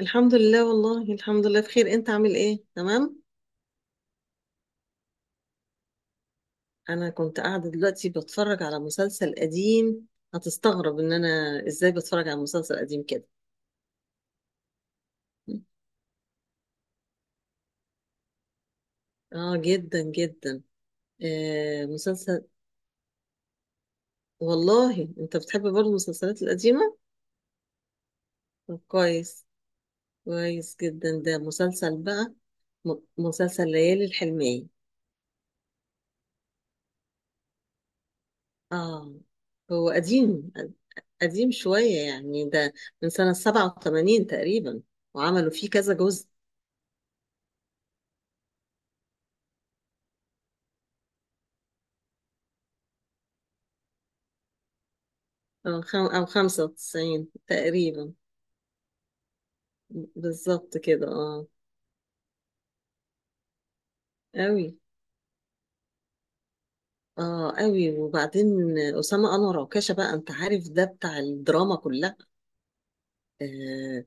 الحمد لله، والله الحمد لله بخير. انت عامل ايه؟ تمام. انا كنت قاعده دلوقتي بتفرج على مسلسل قديم. هتستغرب ان انا ازاي بتفرج على مسلسل قديم كده. اه، جدا جدا. آه، مسلسل. والله انت بتحب برضه المسلسلات القديمه؟ طب كويس، كويس جدا. ده مسلسل بقى، مسلسل ليالي الحلميه. اه، هو قديم، قديم شويه يعني ده، من سنه 87 تقريبا، وعملوا فيه كذا جزء. أو خمسة وتسعين تقريبا. بالظبط كده اه. أوي. اه أوي. وبعدين أسامة أنور عكاشة بقى، أنت عارف ده بتاع الدراما كلها. آه،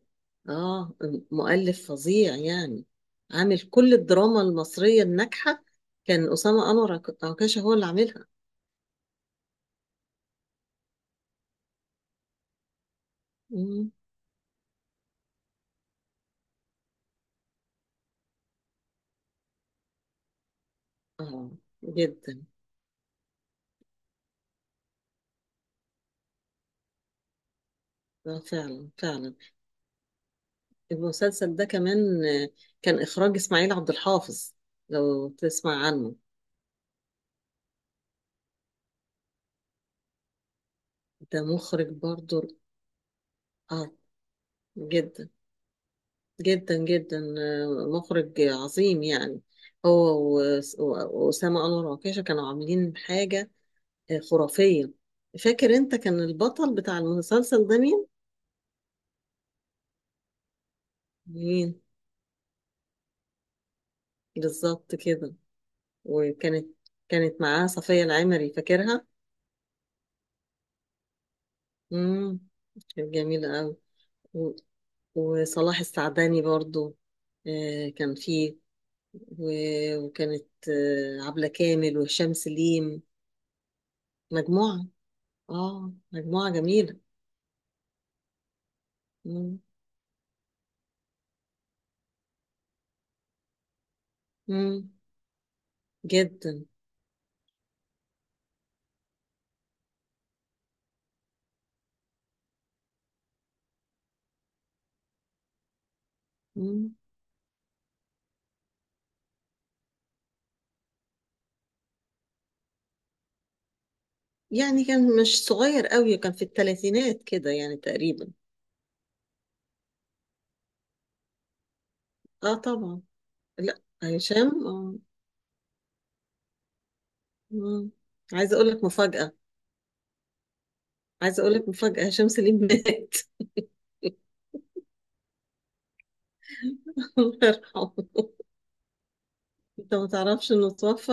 آه، مؤلف فظيع يعني، عامل كل الدراما المصرية الناجحة. كان أسامة أنور عكاشة هو اللي عاملها. مم. اه جدا. آه، فعلا فعلا. المسلسل ده كمان، كان إخراج إسماعيل عبد الحافظ، لو تسمع عنه. ده مخرج برضو، اه، جدا، جدا جدا، مخرج عظيم يعني. هو و- وأسامة أنور وعكاشة كانوا عاملين حاجة خرافية. فاكر انت كان البطل بتاع المسلسل ده مين؟ مين؟ بالظبط كده. وكانت معاه صفية العمري، فاكرها؟ امم. كانت جميلة أوي. و- وصلاح السعداني برضو. كان فيه، و- وكانت عبلة كامل وهشام سليم. مجموعة، اه مجموعة جميلة. مم. مم. جدا. مم. يعني كان مش صغير قوي، كان في الثلاثينات كده يعني تقريبا. اه طبعا. لا هشام، اه. مم. عايزة اقول لك مفاجأة. عايزة اقول لك مفاجأة، هشام سليم مات. الله يرحمه. انت ما تعرفش انه توفى؟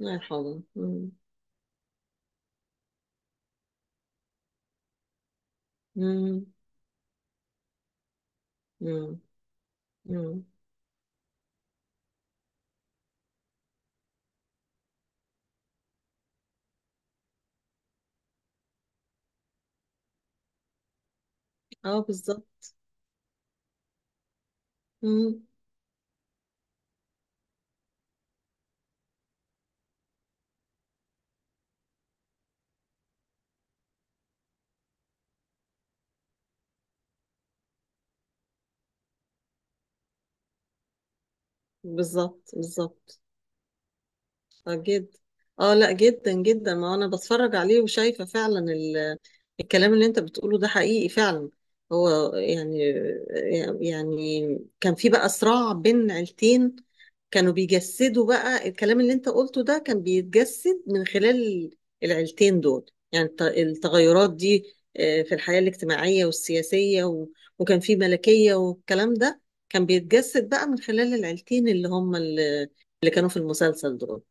الله يرحمه. مم. مم. مم. مم. اه بالظبط. مم. بالظبط، بالظبط. اه جدا. اه لا، جدا جدا، ما انا بتفرج عليه وشايفه فعلا الكلام اللي انت بتقوله ده حقيقي فعلا. هو يعني، كان في بقى صراع بين عيلتين، كانوا بيجسدوا بقى الكلام اللي انت قلته ده، كان بيتجسد من خلال العيلتين دول. يعني التغيرات دي في الحياة الاجتماعية والسياسية وكان في ملكية والكلام ده، كان بيتجسد بقى من خلال العيلتين اللي هم، اللي كانوا في المسلسل دول.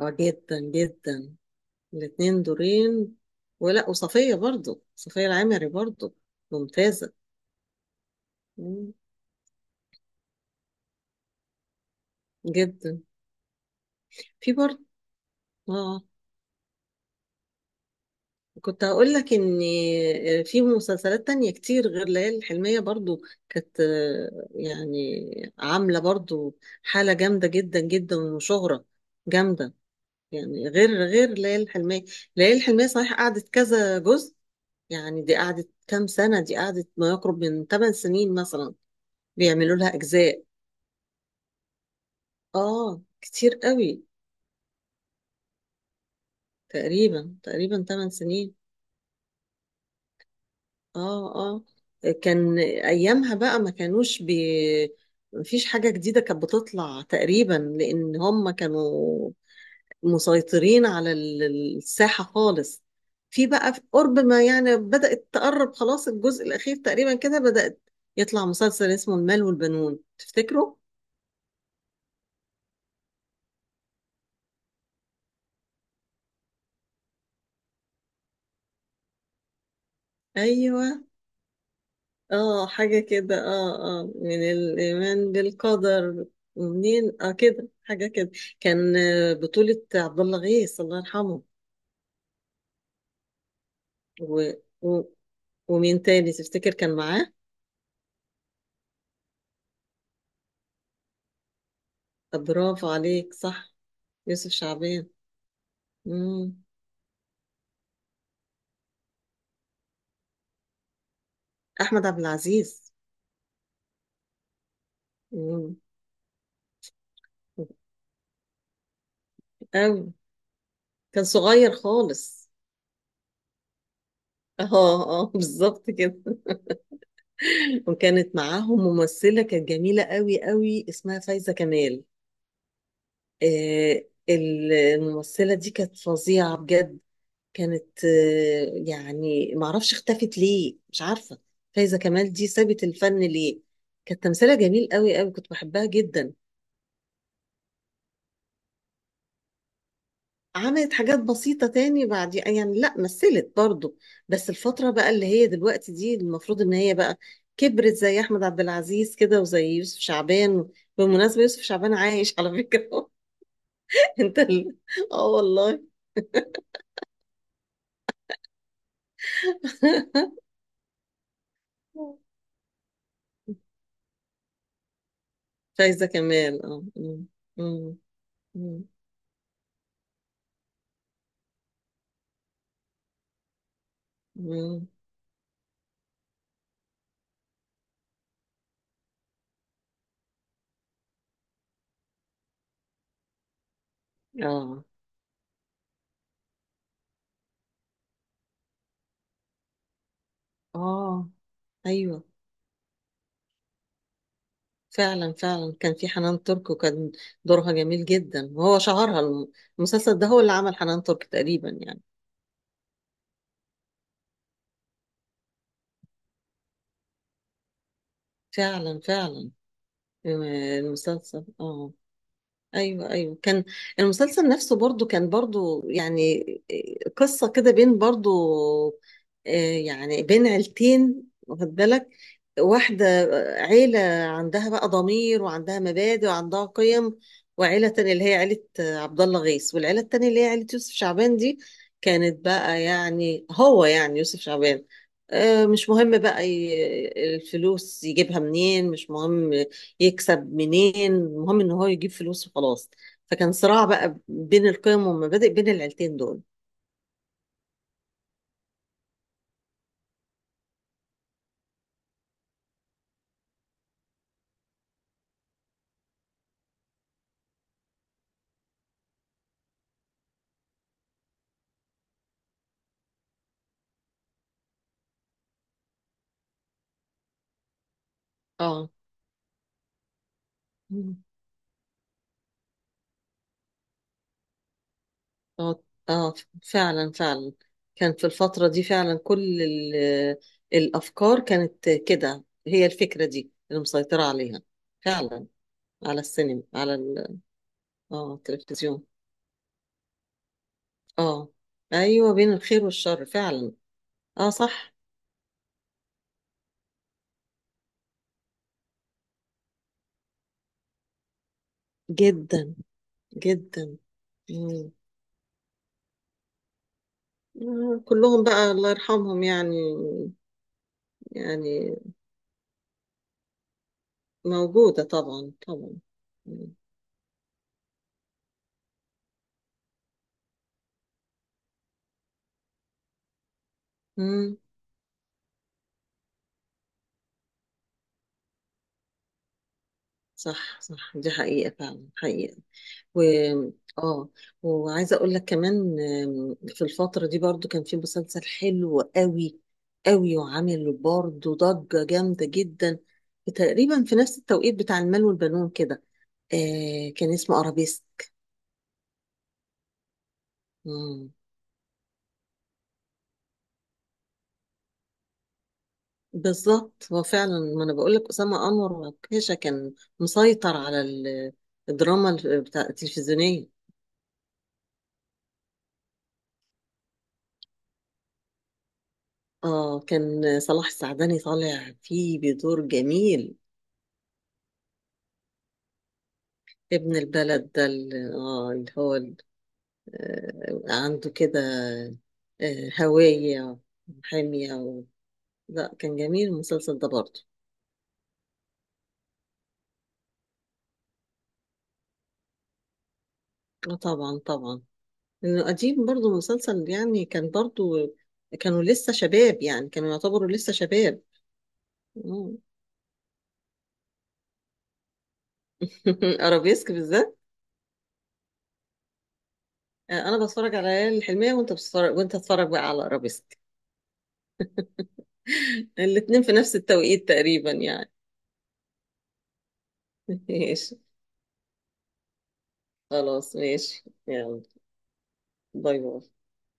اه جدا جدا. الاتنين دورين. ولا، وصفية برضو، صفية العمري برضو. ممتازة. مم. جدا. في برضو، اه. كنت هقول لك ان في مسلسلات تانية كتير غير ليالي الحلمية برضو، كانت يعني عاملة برضو حالة جامدة جدا جدا وشهرة جامدة. يعني غير ليالي الحلمية. ليالي الحلمية صحيح قعدت كذا جزء، يعني دي قعدت كام سنة، دي قعدت ما يقرب من 8 سنين مثلا، بيعملوا لها أجزاء. كتير قوي. تقريبا تقريبا 8 سنين. آه، آه. كان أيامها بقى ما كانوش مفيش حاجة جديدة كانت بتطلع تقريبا، لأن هم كانوا مسيطرين على الساحة خالص. في قرب ما، يعني بدأت تقرب، خلاص الجزء الأخير تقريبا كده بدأت يطلع مسلسل اسمه المال والبنون، تفتكروا؟ أيوه. اه حاجة كده، اه، اه، من الإيمان بالقدر. منين، اه كده، حاجة كده. كان بطولة عبد الله غيث، الله يرحمه. و... و... ومين تاني تفتكر كان معاه؟ طب برافو عليك، صح. يوسف شعبان. مم. أحمد عبد العزيز. مم. أوي، كان صغير خالص. اه، اه، بالظبط كده. وكانت معاهم ممثلة كانت جميلة قوي قوي، اسمها فايزة كمال. الممثلة دي كانت فظيعة بجد، كانت يعني، معرفش اختفت ليه، مش عارفة. فايزة كمال دي سابت الفن ليه؟ كانت تمثيلها جميل قوي قوي، كنت بحبها جدا. عملت حاجات بسيطة تاني بعد يعني، لا مثلت برضو. بس الفترة بقى اللي هي دلوقتي دي، المفروض ان هي بقى كبرت زي احمد عبد العزيز كده وزي يوسف شعبان. بالمناسبة، يوسف شعبان عايش على فكرة. انت والله. مش عايزة كمان اه. مم. مم. مم. مم. اه، اه، ايوه، فعلا فعلا. كان في حنان ترك، وكان دورها جميل جدا، وهو شهرها المسلسل ده هو اللي عمل حنان ترك تقريبا يعني. فعلا فعلا. المسلسل اه. ايوه، ايوه، كان المسلسل نفسه برضو كان برضو يعني قصه كده بين برضو آه، يعني بين عيلتين، واخد بالك؟ واحده، عيله عندها بقى ضمير وعندها مبادئ وعندها قيم، وعيله تانية اللي هي عيله عبد الله غيث، والعيله التانية اللي هي عيله يوسف شعبان دي، كانت بقى يعني، هو يعني، يوسف شعبان مش مهم بقى، الفلوس يجيبها منين، مش مهم يكسب منين، المهم ان هو يجيب فلوس وخلاص. فكان صراع بقى بين القيم والمبادئ بين العيلتين دول. اه. مم. اه، اه، فعلا فعلا. كان في الفترة دي فعلا، كل الأفكار كانت كده، هي الفكرة دي اللي مسيطرة عليها. فعلا، على السينما، على التلفزيون. اه، ايوه، بين الخير والشر فعلا. اه صح. جدا جدا. مم. كلهم بقى الله يرحمهم يعني. يعني موجودة طبعا طبعا. امم. صح، صح، دي حقيقة فعلا، حقيقة. و اه وعايزة اقول لك كمان، في الفترة دي برضو كان في مسلسل حلو قوي قوي، وعامل برضو ضجة جامدة جدا، تقريبا في نفس التوقيت بتاع المال والبنون كده. كان اسمه ارابيسك. مم. بالظبط، هو فعلا، ما انا بقول لك اسامة انور وكيشة كان مسيطر على الدراما بتاع التلفزيونية. اه، كان صلاح السعداني طالع فيه بدور جميل. ابن البلد ده اللي، اللي هو عنده كده هوية، وحمية لا كان جميل المسلسل ده برضه. اه طبعا طبعا. انه قديم برضه مسلسل يعني، كان برضه كانوا لسه شباب يعني، كانوا يعتبروا لسه شباب. مم. ارابيسك بالذات. انا بتفرج على ليالي الحلمية، وانت تتفرج بقى على ارابيسك. الاتنين في نفس التوقيت تقريبا يعني. ماشي، خلاص ماشي، يلا باي باي.